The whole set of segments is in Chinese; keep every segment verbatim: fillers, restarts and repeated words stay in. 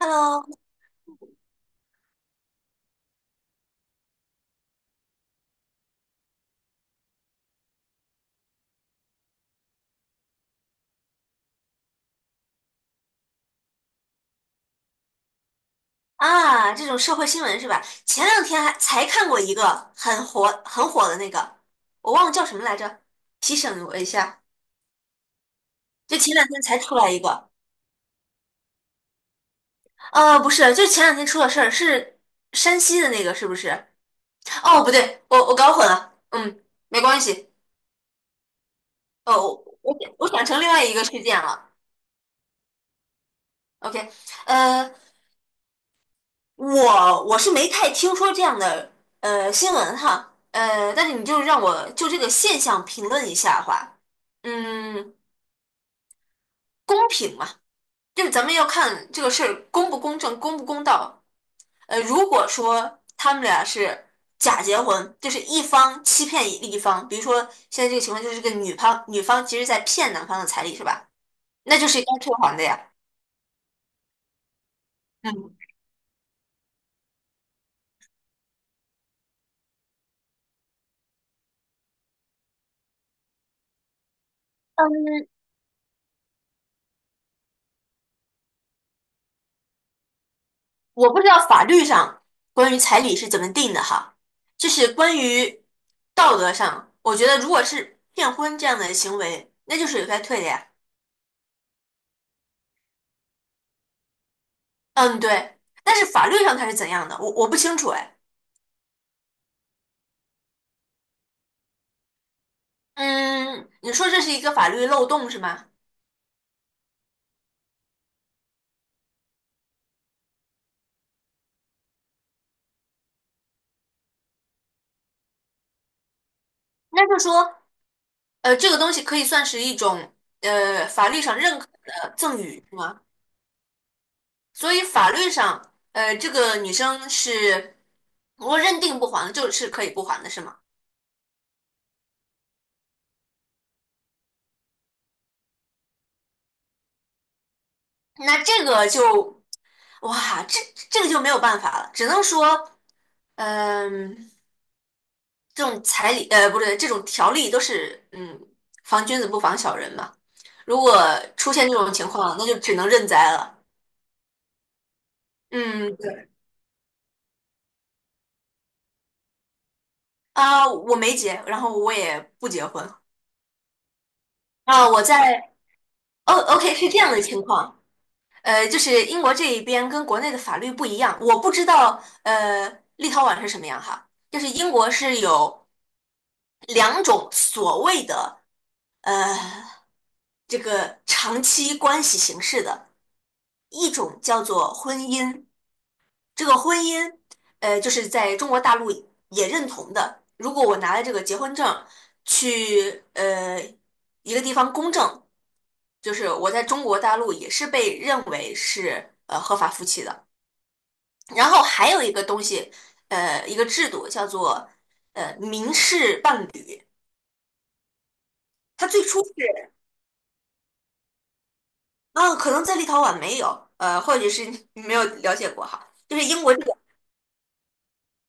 Hello。 啊，这种社会新闻是吧？前两天还才看过一个很火很火的那个，我忘了叫什么来着，提醒我一下。就前两天才出来一个，呃，不是，就是前两天出了事儿，是山西的那个，是不是？哦，不对，我我搞混了，嗯，没关系。哦，我我我想成另外一个事件了。OK,呃，我我是没太听说这样的呃新闻哈，呃，但是你就让我就这个现象评论一下的话，嗯，公平嘛，就是咱们要看这个事儿公不公正、公不公道。呃，如果说他们俩是假结婚，就是一方欺骗另一方，比如说现在这个情况就是这个女方女方其实在骗男方的彩礼是吧？那就是应该退还的呀。嗯。我不知道法律上关于彩礼是怎么定的哈，就是关于道德上，我觉得如果是骗婚这样的行为，那就是有该退的呀。嗯，对。但是法律上它是怎样的，我我不清楚哎。嗯，你说这是一个法律漏洞是吗？那就说，呃，这个东西可以算是一种呃法律上认可的赠与是吗？所以法律上，呃，这个女生是如果认定不还的就是可以不还的是吗？那这个就。哇，这这个就没有办法了，只能说，嗯，这种彩礼，呃，不对，这种条例都是，嗯，防君子不防小人嘛。如果出现这种情况，那就只能认栽了。嗯，对。啊，我没结，然后我也不结婚。啊，我在。哦，OK,是这样的情况。呃，就是英国这一边跟国内的法律不一样，我不知道，呃，立陶宛是什么样哈。就是英国是有两种所谓的，呃。这个长期关系形式的，一种叫做婚姻。这个婚姻，呃，就是在中国大陆也认同的。如果我拿了这个结婚证去呃一个地方公证，就是我在中国大陆也是被认为是呃合法夫妻的。然后还有一个东西，呃，一个制度叫做呃民事伴侣，它最初是啊，可能在立陶宛没有，呃，或者是没有了解过哈，就是英国这个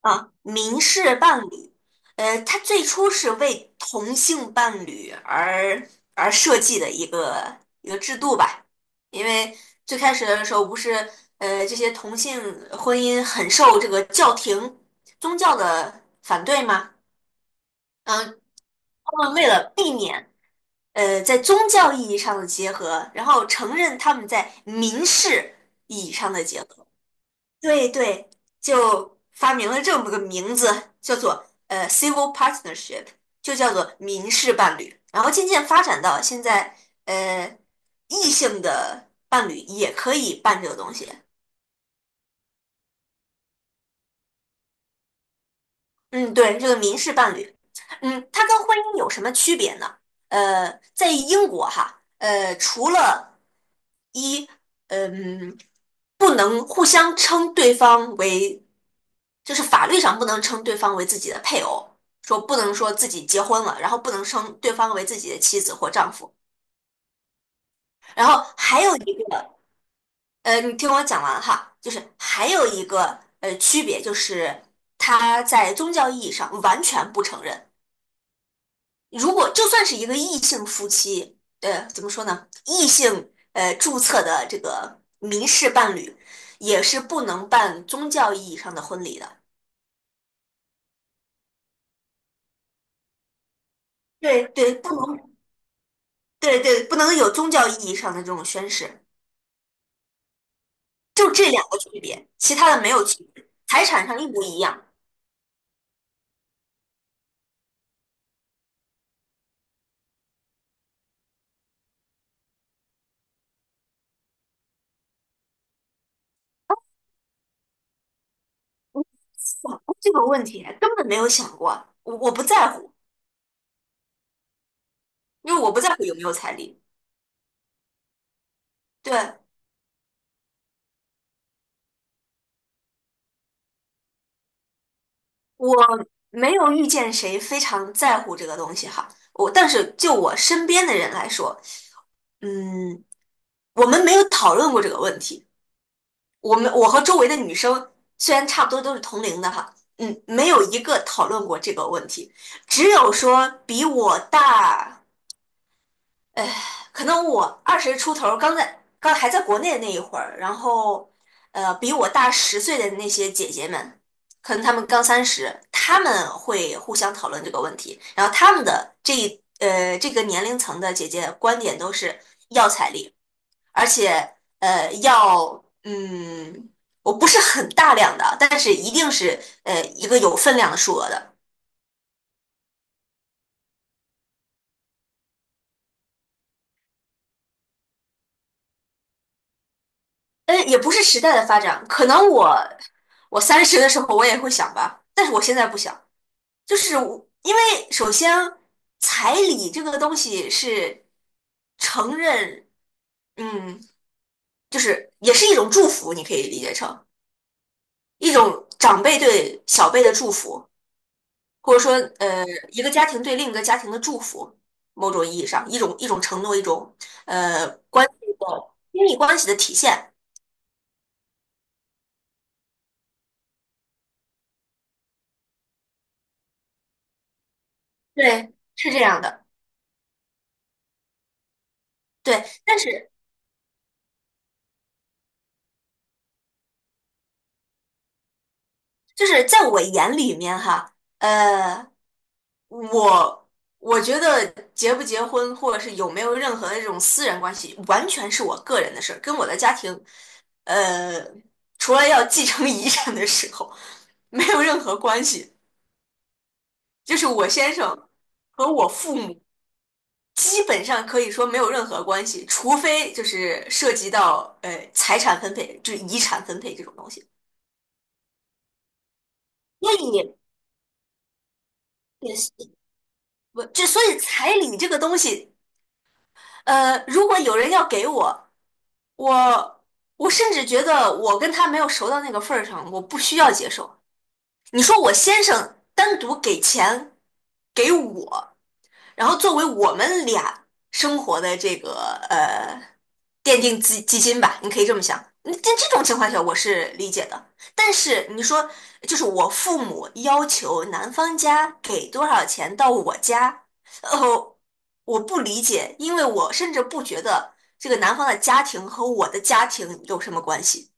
啊，民事伴侣，呃，它最初是为同性伴侣而而设计的一个一个制度吧，因为最开始的时候不是，呃，这些同性婚姻很受这个教廷宗教的反对吗？嗯，他们为了避免呃在宗教意义上的结合，然后承认他们在民事意义上的结合。对对，就发明了这么个名字，叫做呃 civil partnership,就叫做民事伴侣。然后渐渐发展到现在，呃，异性的伴侣也可以办这个东西。嗯，对，这个民事伴侣，嗯，它跟婚姻有什么区别呢？呃，在英国哈，呃，除了一，嗯，不能互相称对方为，就是法律上不能称对方为自己的配偶，说不能说自己结婚了，然后不能称对方为自己的妻子或丈夫，然后还有一个，呃，你听我讲完哈，就是还有一个呃区别就是，它在宗教意义上完全不承认。如果就算是一个异性夫妻，呃，怎么说呢？异性呃注册的这个民事伴侣，也是不能办宗教意义上的婚礼的。对对，不能。对对，不能有宗教意义上的这种宣誓，就这两个区别，其他的没有区别，财产上一模一样。哇，这个问题根本没有想过，我我不在乎，因为我不在乎有没有彩礼。对。我没有遇见谁非常在乎这个东西哈，我但是就我身边的人来说，嗯，我们没有讨论过这个问题。我们我和周围的女生虽然差不多都是同龄的哈，嗯，没有一个讨论过这个问题，只有说比我大。可能我二十出头刚在刚还在国内的那一会儿，然后呃，比我大十岁的那些姐姐们，可能她们刚三十，她们会互相讨论这个问题，然后她们的这一呃这个年龄层的姐姐观点都是要彩礼，而且呃要嗯，我不是很大量的，但是一定是呃一个有分量的数额的。嗯，也不是时代的发展，可能我我三十的时候我也会想吧，但是我现在不想，就是我因为首先彩礼这个东西是承认，嗯，就是也是一种祝福，你可以理解成一种长辈对小辈的祝福，或者说呃一个家庭对另一个家庭的祝福，某种意义上一种一种承诺，一种呃关系的亲密关系的体现，对，是这样的，对，但是。就是在我眼里面哈，呃，我我觉得结不结婚，或者是有没有任何的这种私人关系，完全是我个人的事儿，跟我的家庭，呃，除了要继承遗产的时候，没有任何关系。就是我先生和我父母基本上可以说没有任何关系，除非就是涉及到呃财产分配，就是遗产分配这种东西。所以，也是。我这所以彩礼这个东西，呃，如果有人要给我，我我甚至觉得我跟他没有熟到那个份儿上，我不需要接受。你说我先生单独给钱给我。然后作为我们俩生活的这个呃奠定基基金吧，你可以这么想。那在这种情况下，我是理解的。但是你说，就是我父母要求男方家给多少钱到我家，哦，我不理解，因为我甚至不觉得这个男方的家庭和我的家庭有什么关系，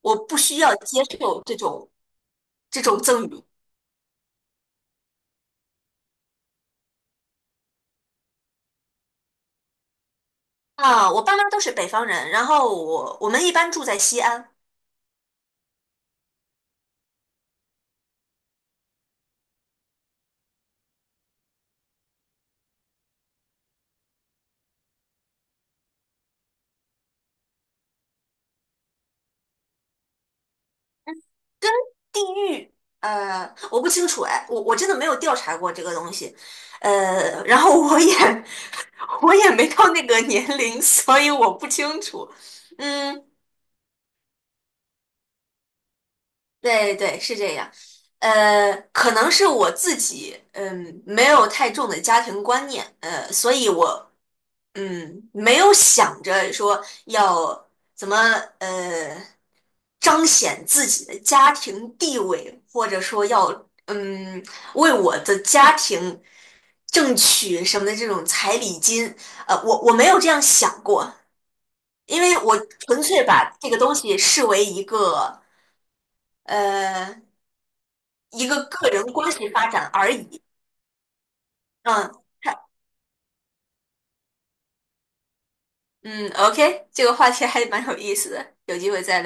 我不需要接受这种这种赠与。啊，我爸妈都是北方人，然后我我们一般住在西安。地域，呃，我不清楚哎，我我真的没有调查过这个东西，呃，然后我也 我也没到那个年龄，所以我不清楚。嗯，对对，是这样。呃，可能是我自己，嗯，没有太重的家庭观念，呃，所以我嗯，没有想着说要怎么呃彰显自己的家庭地位，或者说要嗯为我的家庭争取什么的这种彩礼金，呃，我我没有这样想过，因为我纯粹把这个东西视为一个呃一个个人关系发展而已。嗯，它嗯，OK,这个话题还蛮有意思的，有机会再。